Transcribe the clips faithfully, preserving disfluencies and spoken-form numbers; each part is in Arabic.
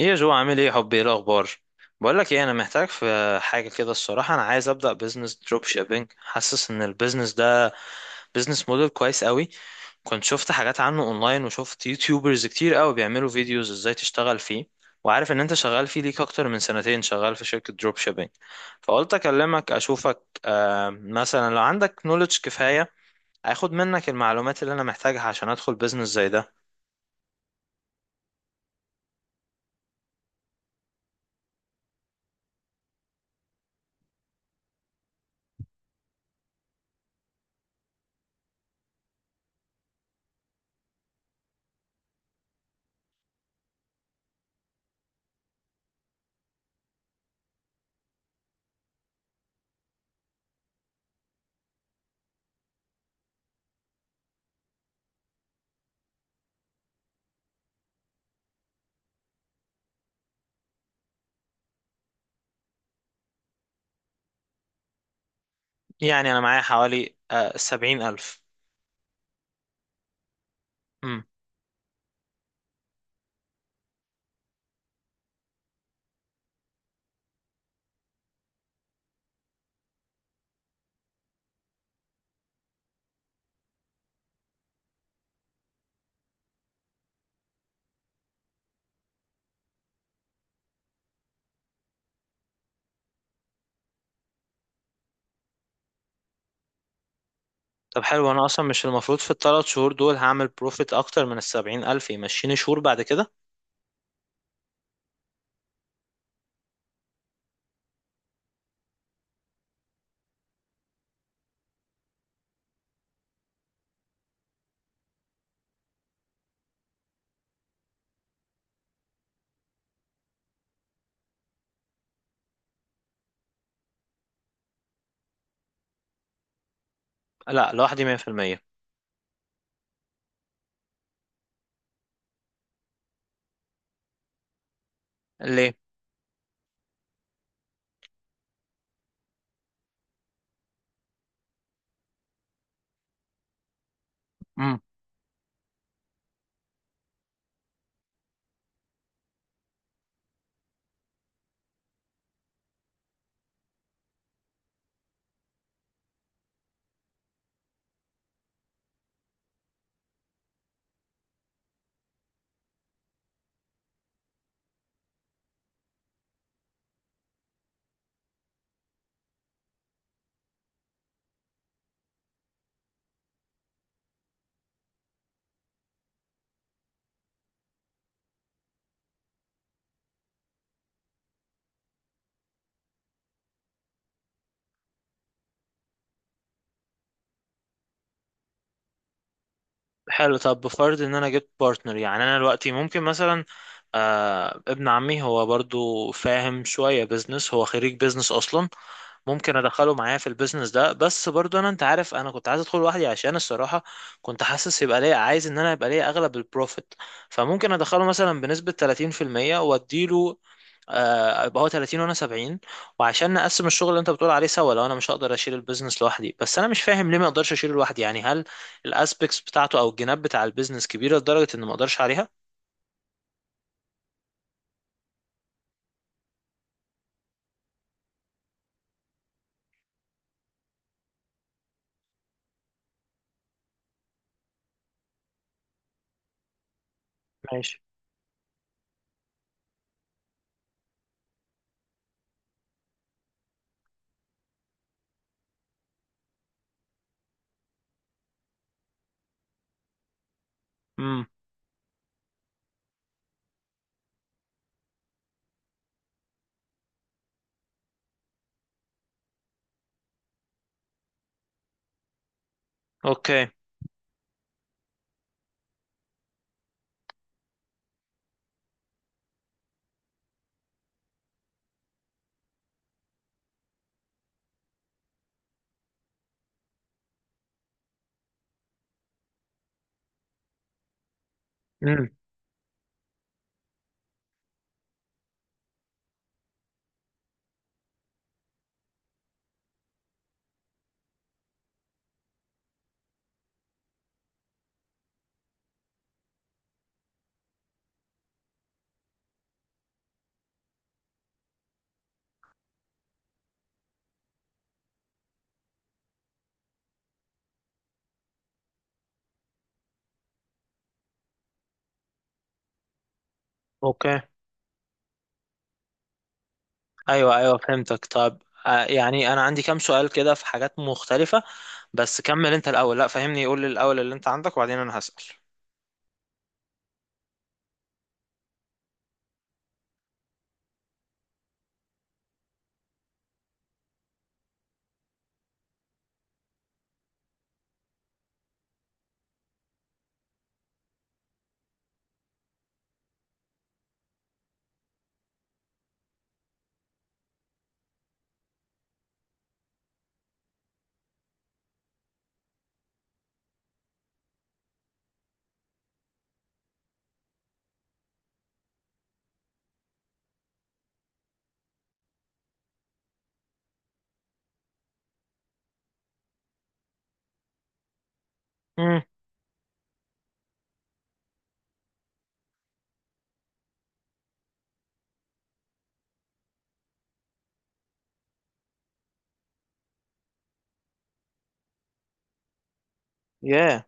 ايه يا جو، عامل ايه حبي؟ ايه الاخبار؟ بقول لك ايه، انا محتاج في حاجه كده الصراحه. انا عايز ابدا بزنس دروب شيبينج، حاسس ان البيزنس ده بزنس موديل كويس قوي. كنت شفت حاجات عنه اونلاين، وشفت يوتيوبرز كتير قوي بيعملوا فيديوز ازاي تشتغل فيه. وعارف ان انت شغال فيه ليك اكتر من سنتين شغال في شركه دروب شيبينج. فقلت اكلمك اشوفك، آه، مثلا لو عندك نوليدج كفايه اخد منك المعلومات اللي انا محتاجها عشان ادخل بزنس زي ده. يعني انا معايا حوالي آه، سبعين الف. طب حلو، انا اصلا مش المفروض في الثلاث شهور دول هعمل بروفيت اكتر من السبعين الف يمشيني شهور بعد كده؟ لا، لوحدي مية في المية. ليه؟ حلو. طب بفرض ان انا جبت بارتنر، يعني انا دلوقتي ممكن مثلا آه ابن عمي، هو برضو فاهم شوية بيزنس، هو خريج بيزنس اصلا، ممكن ادخله معايا في البيزنس ده. بس برضو انا انت عارف، انا كنت عايز ادخل لوحدي عشان الصراحة كنت حاسس يبقى ليا، عايز ان انا يبقى ليا اغلب البروفيت. فممكن ادخله مثلا بنسبة تلاتين في المية واديله، آه، يبقى هو تلاتين وانا سبعين، وعشان نقسم الشغل اللي انت بتقول عليه سوا لو انا مش هقدر اشيل البيزنس لوحدي. بس انا مش فاهم ليه ما اقدرش اشيله لوحدي، يعني هل الاسبكتس بتاعته او الجناب بتاع البيزنس كبيره لدرجه ان ما اقدرش عليها؟ ماشي. امم. اوكي. امم. اوكي. ايوه، ايوه، فهمتك. طب آه، يعني انا عندي كام سؤال كده في حاجات مختلفه. بس كمل انت الاول، لا فهمني، قول لي الاول اللي انت عندك وبعدين انا هسأل. امم. ياه.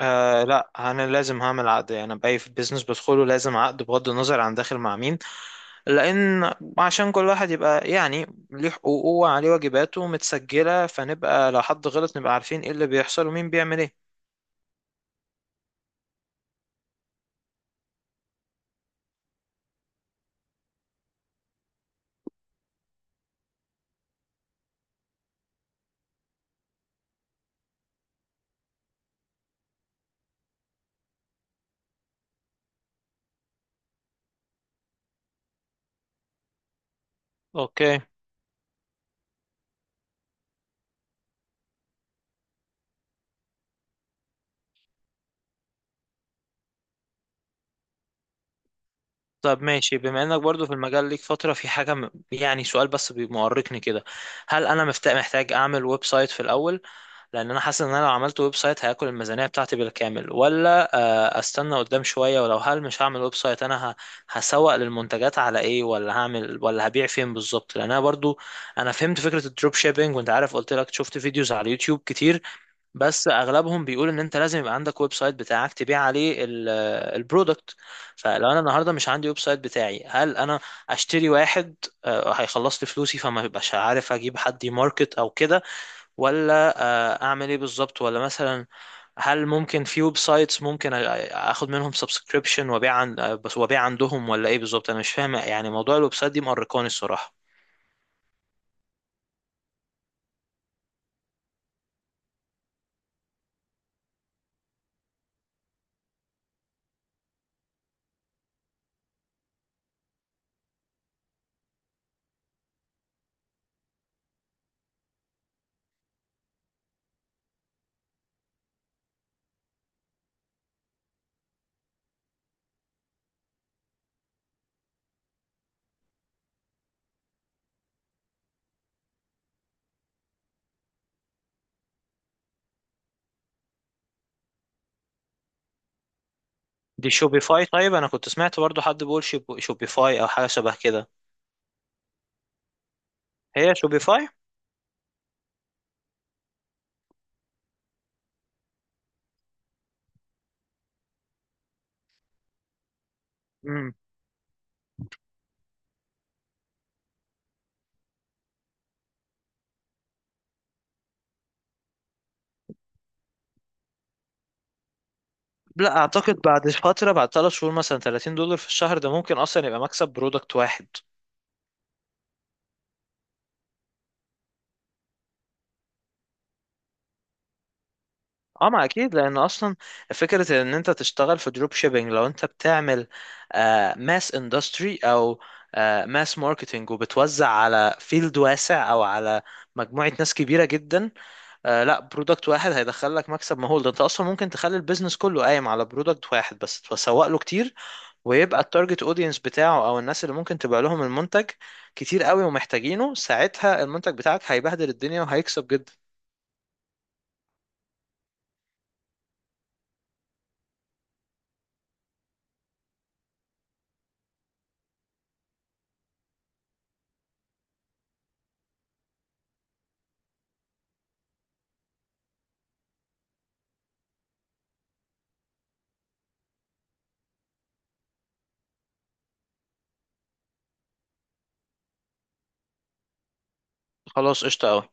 آه لا، انا لازم هعمل عقد. يعني انا باي في بيزنس بدخله لازم عقد بغض النظر عن داخل مع مين، لان عشان كل واحد يبقى يعني ليه حقوقه وعليه واجباته متسجلة، فنبقى لو حد غلط نبقى عارفين ايه اللي بيحصل ومين بيعمل ايه. اوكي. طب ماشي. بما انك برضو في المجال ليك فترة، في حاجة م- يعني سؤال بس بي- مؤرقني كده. هل انا مفت- محتاج اعمل ويب سايت في الاول؟ لان انا حاسس ان انا لو عملت ويب سايت هياكل الميزانيه بتاعتي بالكامل، ولا آه، استنى قدام شويه؟ ولو هل مش هعمل ويب سايت انا ه- هسوق للمنتجات على ايه؟ ولا هعمل ولا هبيع فين بالظبط؟ لان انا برضو انا فهمت فكره الدروب شيبينج، وانت عارف قلت لك شفت فيديوز على اليوتيوب كتير، بس اغلبهم بيقول ان انت لازم يبقى عندك ويب سايت بتاعك تبيع عليه ال- آه، البرودكت. فلو انا النهارده مش عندي ويب سايت بتاعي، هل انا اشتري واحد؟ آه، هيخلص لي فلوسي فما ببقاش عارف اجيب حد يماركت او كده، ولا آه، اعمل ايه بالظبط؟ ولا مثلا هل ممكن في ويب سايتس ممكن أ- اخد منهم سبسكريبشن وابيع عن آه، بس وابيع عندهم، ولا ايه بالظبط؟ انا مش فاهم، يعني موضوع الويب سايت دي مقرقاني الصراحة. دي شوبيفاي؟ طيب انا كنت سمعت برضو حد بيقول شيب- شوبيفاي او حاجة شبه كده. هي شوبيفاي؟ امم. لا اعتقد، بعد فترة، بعد ثلاث شهور مثلا ثلاتين دولار في الشهر ده ممكن اصلا يبقى مكسب برودكت واحد. اه، ما اكيد، لان اصلا فكره ان انت تشتغل في دروب شيبينج، لو انت بتعمل ماس اندستري او ماس ماركتنج وبتوزع على فيلد واسع او على مجموعه ناس كبيره جدا، آه، لا، برودكت واحد هيدخل لك مكسب مهول. ده انت اصلا ممكن تخلي البيزنس كله قايم على برودكت واحد بس تسوق له كتير، ويبقى التارجت اودينس بتاعه او الناس اللي ممكن تبيع لهم المنتج كتير قوي ومحتاجينه، ساعتها المنتج بتاعك هيبهدل الدنيا وهيكسب جدا. خلاص، قشطه قوي.